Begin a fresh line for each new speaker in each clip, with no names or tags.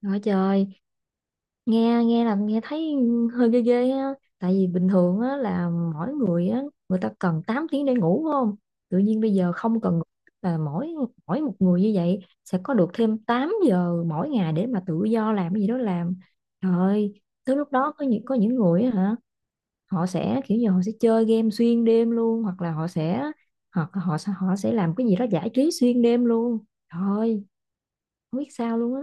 Nói trời, nghe nghe là nghe thấy hơi ghê ghê ha. Tại vì bình thường á, là mỗi người á, người ta cần 8 tiếng để ngủ phải không? Tự nhiên bây giờ không cần ngủ. Là mỗi mỗi một người như vậy sẽ có được thêm 8 giờ mỗi ngày để mà tự do làm cái gì đó làm. Trời ơi, tới lúc đó có những người á hả, họ sẽ kiểu như họ sẽ chơi game xuyên đêm luôn hoặc là họ sẽ làm cái gì đó giải trí xuyên đêm luôn. Trời ơi, không biết sao luôn á.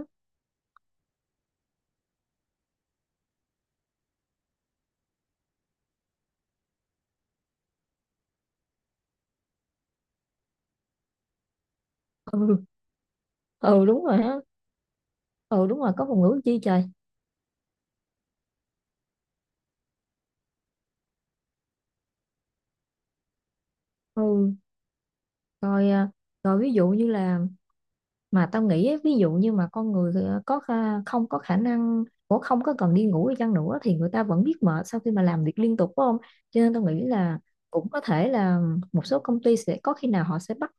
Ừ. Ừ, đúng rồi á. Ừ đúng rồi có ngôn ngủ chi trời. Ừ, rồi à, rồi ví dụ như là mà tao nghĩ á, ví dụ như mà con người à, không có khả năng cũng không có cần đi ngủ đi chăng nữa thì người ta vẫn biết mệt sau khi mà làm việc liên tục phải không? Cho nên tao nghĩ là cũng có thể là một số công ty sẽ có khi nào họ sẽ bắt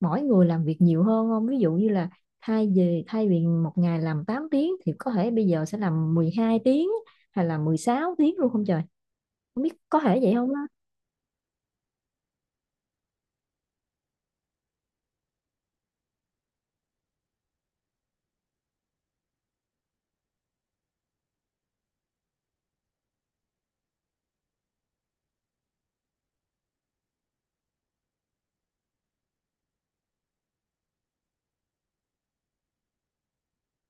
mỗi người làm việc nhiều hơn không, ví dụ như là thay vì một ngày làm 8 tiếng thì có thể bây giờ sẽ làm 12 tiếng hay là 16 tiếng luôn không trời, không biết có thể vậy không.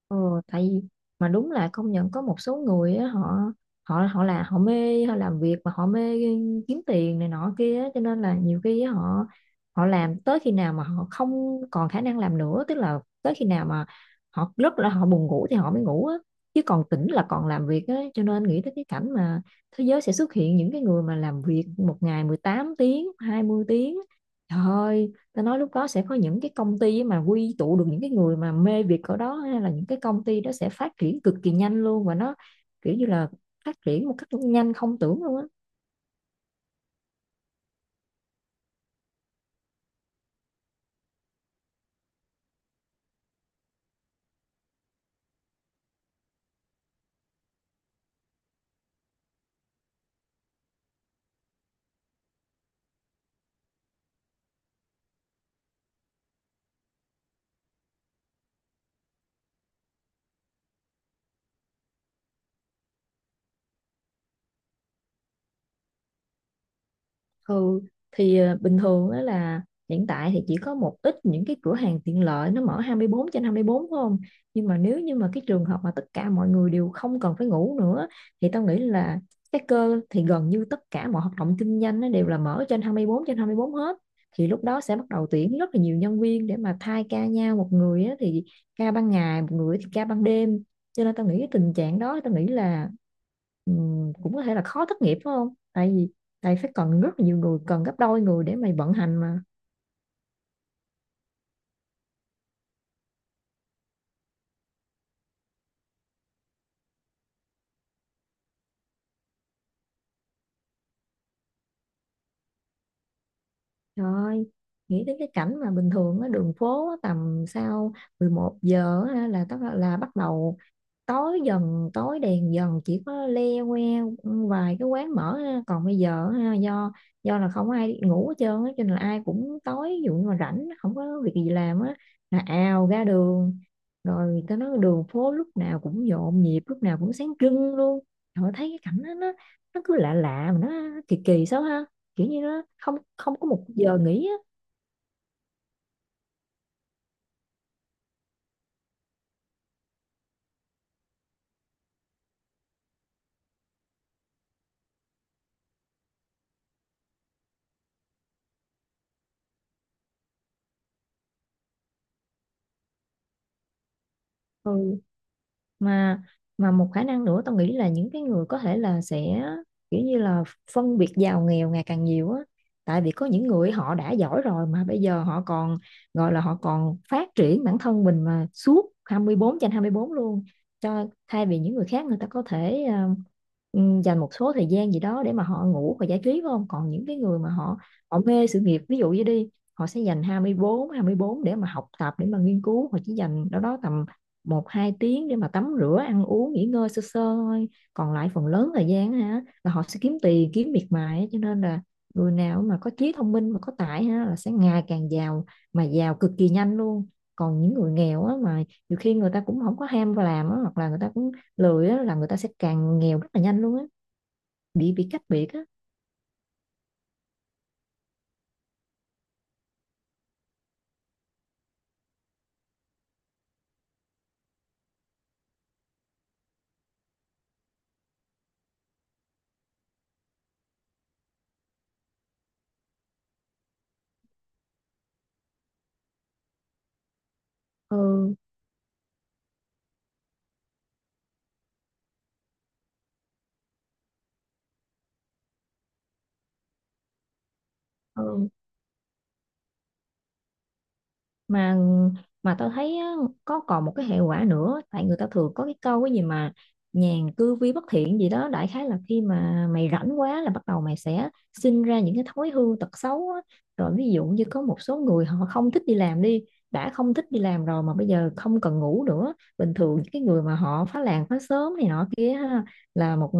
Ờ, tại vì mà đúng là công nhận có một số người á, họ họ họ là họ mê họ làm việc mà họ mê kiếm tiền này nọ kia á, cho nên là nhiều khi á, họ họ làm tới khi nào mà họ không còn khả năng làm nữa, tức là tới khi nào mà họ rất là họ buồn ngủ thì họ mới ngủ á, chứ còn tỉnh là còn làm việc á. Cho nên nghĩ tới cái cảnh mà thế giới sẽ xuất hiện những cái người mà làm việc một ngày 18 tiếng 20 tiếng, trời ơi, ta nói lúc đó sẽ có những cái công ty mà quy tụ được những cái người mà mê việc ở đó, hay là những cái công ty đó sẽ phát triển cực kỳ nhanh luôn và nó kiểu như là phát triển một cách nhanh không tưởng luôn á. Ừ, thì bình thường đó là hiện tại thì chỉ có một ít những cái cửa hàng tiện lợi nó mở 24 trên 24 phải không? Nhưng mà nếu như mà cái trường hợp mà tất cả mọi người đều không cần phải ngủ nữa thì tao nghĩ là cái cơ thì gần như tất cả mọi hoạt động kinh doanh nó đều là mở trên 24 trên 24 hết. Thì lúc đó sẽ bắt đầu tuyển rất là nhiều nhân viên để mà thay ca nhau, một người á, thì ca ban ngày, một người thì ca ban đêm. Cho nên tao nghĩ cái tình trạng đó tao nghĩ là ừ, cũng có thể là khó thất nghiệp phải không? Tại vì tại phải cần rất là nhiều người, cần gấp đôi người để mày vận hành mà. Trời ơi, nghĩ đến cái cảnh mà bình thường á, đường phố á, tầm sau 11 giờ á, là tất là bắt đầu tối dần, tối đèn dần, chỉ có le que, ừ, vài cái quán mở ha. Còn bây giờ ha, do là không ai ngủ hết trơn á cho nên là ai cũng tối, ví dụ như mà rảnh không có việc gì làm á là ào ra đường, rồi tao nói đường phố lúc nào cũng nhộn nhịp, lúc nào cũng sáng trưng luôn. Rồi thấy cái cảnh đó, nó cứ lạ lạ mà nó kỳ kỳ sao ha, kiểu như nó không không có một giờ nghỉ á. Ừ, mà mà một khả năng nữa tao nghĩ là những cái người có thể là sẽ kiểu như là phân biệt giàu nghèo ngày càng nhiều á, tại vì có những người họ đã giỏi rồi mà bây giờ họ còn gọi là họ còn phát triển bản thân mình mà suốt 24/24 luôn, cho thay vì những người khác người ta có thể dành một số thời gian gì đó để mà họ ngủ và giải trí phải không. Còn những cái người mà họ họ mê sự nghiệp ví dụ như đi, họ sẽ dành hai hai mươi bốn để mà học tập để mà nghiên cứu, họ chỉ dành đâu đó tầm một hai tiếng để mà tắm rửa ăn uống nghỉ ngơi sơ sơ thôi, còn lại phần lớn thời gian ha là họ sẽ kiếm tiền kiếm miệt mài á. Cho nên là người nào mà có trí thông minh mà có tài ha là sẽ ngày càng giàu, mà giàu cực kỳ nhanh luôn. Còn những người nghèo á, mà nhiều khi người ta cũng không có ham vào làm á, hoặc là người ta cũng lười á, là người ta sẽ càng nghèo rất là nhanh luôn á, bị cách biệt á. Ừ, ừ, mà mà tao thấy á, có còn một cái hệ quả nữa, tại người ta thường có cái câu cái gì mà nhàn cư vi bất thiện gì đó, đại khái là khi mà mày rảnh quá là bắt đầu mày sẽ sinh ra những cái thói hư tật xấu á. Rồi ví dụ như có một số người họ không thích đi làm đi, đã không thích đi làm rồi mà bây giờ không cần ngủ nữa, bình thường những cái người mà họ phá làng phá xóm này nọ kia ha, là một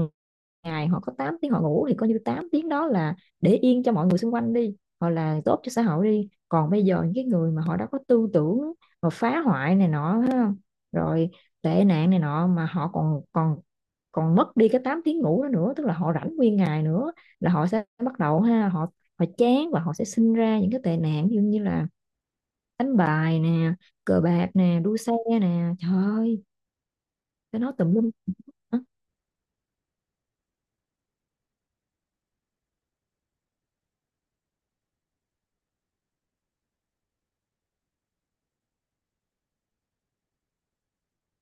ngày họ có 8 tiếng họ ngủ thì coi như 8 tiếng đó là để yên cho mọi người xung quanh đi hoặc là tốt cho xã hội đi. Còn bây giờ những cái người mà họ đã có tư tưởng mà phá hoại này nọ thấy không? Rồi tệ nạn này nọ mà họ còn còn còn mất đi cái 8 tiếng ngủ đó nữa, tức là họ rảnh nguyên ngày nữa, là họ sẽ bắt đầu ha, họ họ chán và họ sẽ sinh ra những cái tệ nạn như như là đánh bài nè, cờ bạc nè, đua xe nè, trời ơi, cái nó tùm lum.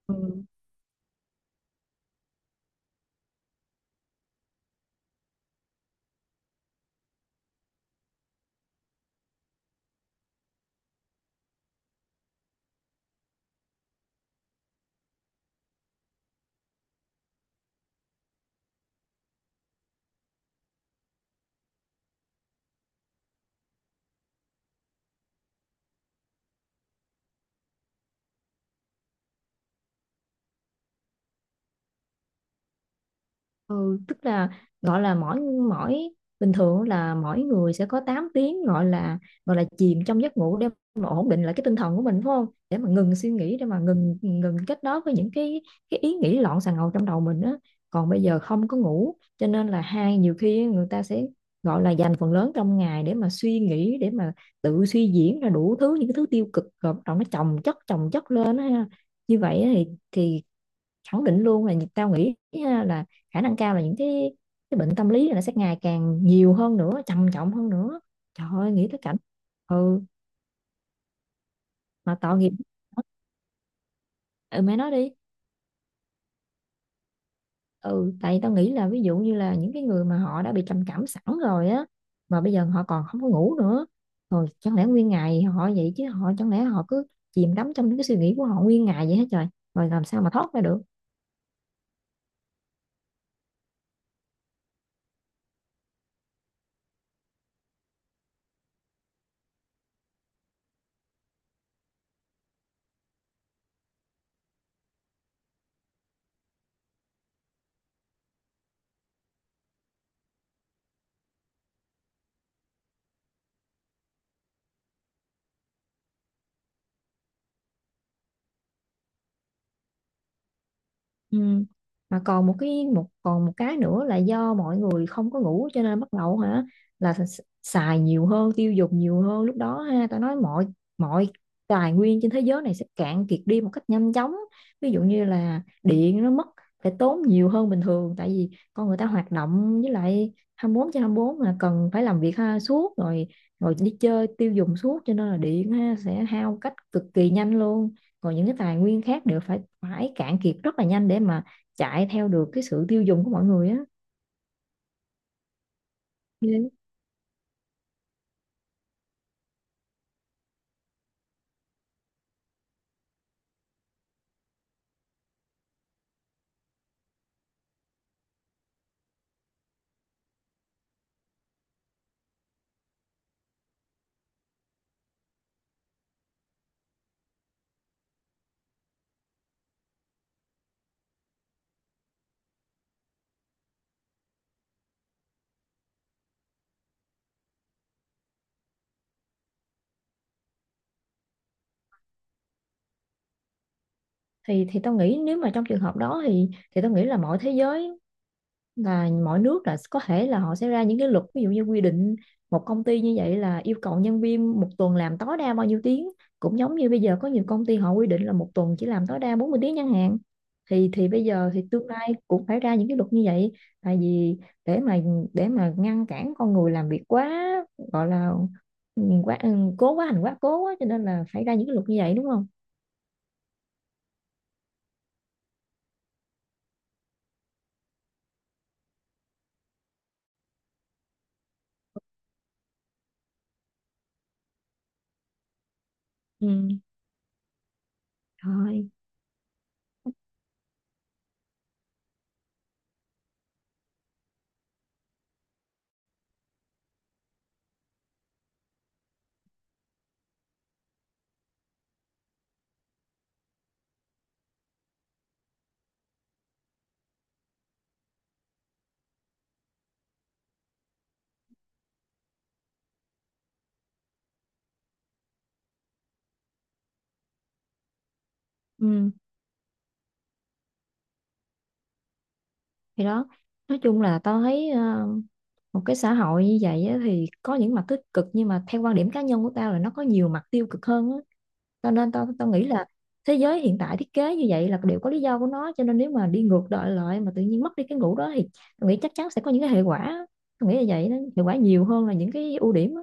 Ừ. Ừ, tức là gọi là mỗi mỗi bình thường là mỗi người sẽ có 8 tiếng gọi là chìm trong giấc ngủ để mà ổn định lại cái tinh thần của mình phải không? Để mà ngừng suy nghĩ, để mà ngừng ngừng kết nối với những cái ý nghĩ loạn xà ngầu trong đầu mình á. Còn bây giờ không có ngủ cho nên là hai nhiều khi người ta sẽ gọi là dành phần lớn trong ngày để mà suy nghĩ, để mà tự suy diễn ra đủ thứ những cái thứ tiêu cực rồi bắt đầu nó chồng chất lên á ha. Như vậy á thì khẳng định luôn là tao nghĩ là khả năng cao là những cái bệnh tâm lý này nó sẽ ngày càng nhiều hơn nữa, trầm trọng hơn nữa. Trời ơi nghĩ tới cảnh, ừ mà tội nghiệp, ừ mẹ nói đi, ừ tại tao nghĩ là ví dụ như là những cái người mà họ đã bị trầm cảm sẵn rồi á mà bây giờ họ còn không có ngủ nữa, rồi chẳng lẽ nguyên ngày họ vậy chứ, họ chẳng lẽ họ cứ chìm đắm trong những cái suy nghĩ của họ nguyên ngày vậy hết trời, rồi làm sao mà thoát ra được. Ừ. Mà còn một cái nữa là do mọi người không có ngủ cho nên bắt đầu hả là xài nhiều hơn tiêu dùng nhiều hơn, lúc đó ha tao nói mọi mọi tài nguyên trên thế giới này sẽ cạn kiệt đi một cách nhanh chóng. Ví dụ như là điện nó mất, phải tốn nhiều hơn bình thường tại vì con người ta hoạt động với lại 24/24 mà cần phải làm việc ha suốt rồi, rồi đi chơi tiêu dùng suốt cho nên là điện ha sẽ hao cách cực kỳ nhanh luôn, còn những cái tài nguyên khác đều phải phải cạn kiệt rất là nhanh để mà chạy theo được cái sự tiêu dùng của mọi người á. Thì tao nghĩ nếu mà trong trường hợp đó thì tao nghĩ là mọi thế giới là mỗi nước là có thể là họ sẽ ra những cái luật ví dụ như quy định một công ty như vậy là yêu cầu nhân viên một tuần làm tối đa bao nhiêu tiếng, cũng giống như bây giờ có nhiều công ty họ quy định là một tuần chỉ làm tối đa 40 tiếng chẳng hạn. Thì bây giờ thì tương lai cũng phải ra những cái luật như vậy tại vì để mà để mà ngăn cản con người làm việc quá gọi là ừ, quá ừ, cố quá hành quá cố quá cho nên là phải ra những cái luật như vậy đúng không. Ừ rồi, ừ thì đó, nói chung là tao thấy một cái xã hội như vậy á, thì có những mặt tích cực nhưng mà theo quan điểm cá nhân của tao là nó có nhiều mặt tiêu cực hơn á. Cho nên tao tao nghĩ là thế giới hiện tại thiết kế như vậy là đều có lý do của nó, cho nên nếu mà đi ngược đợi lại mà tự nhiên mất đi cái ngủ đó thì tao nghĩ chắc chắn sẽ có những cái hệ quả á. Tao nghĩ là vậy đó, hệ quả nhiều hơn là những cái ưu điểm á.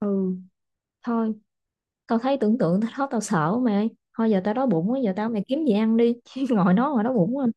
Ừ thôi, tao thấy tưởng tượng tới đó tao sợ mày. Thôi giờ tao đói bụng quá, giờ tao mày kiếm gì ăn đi chứ ngồi nó mà đói bụng quá.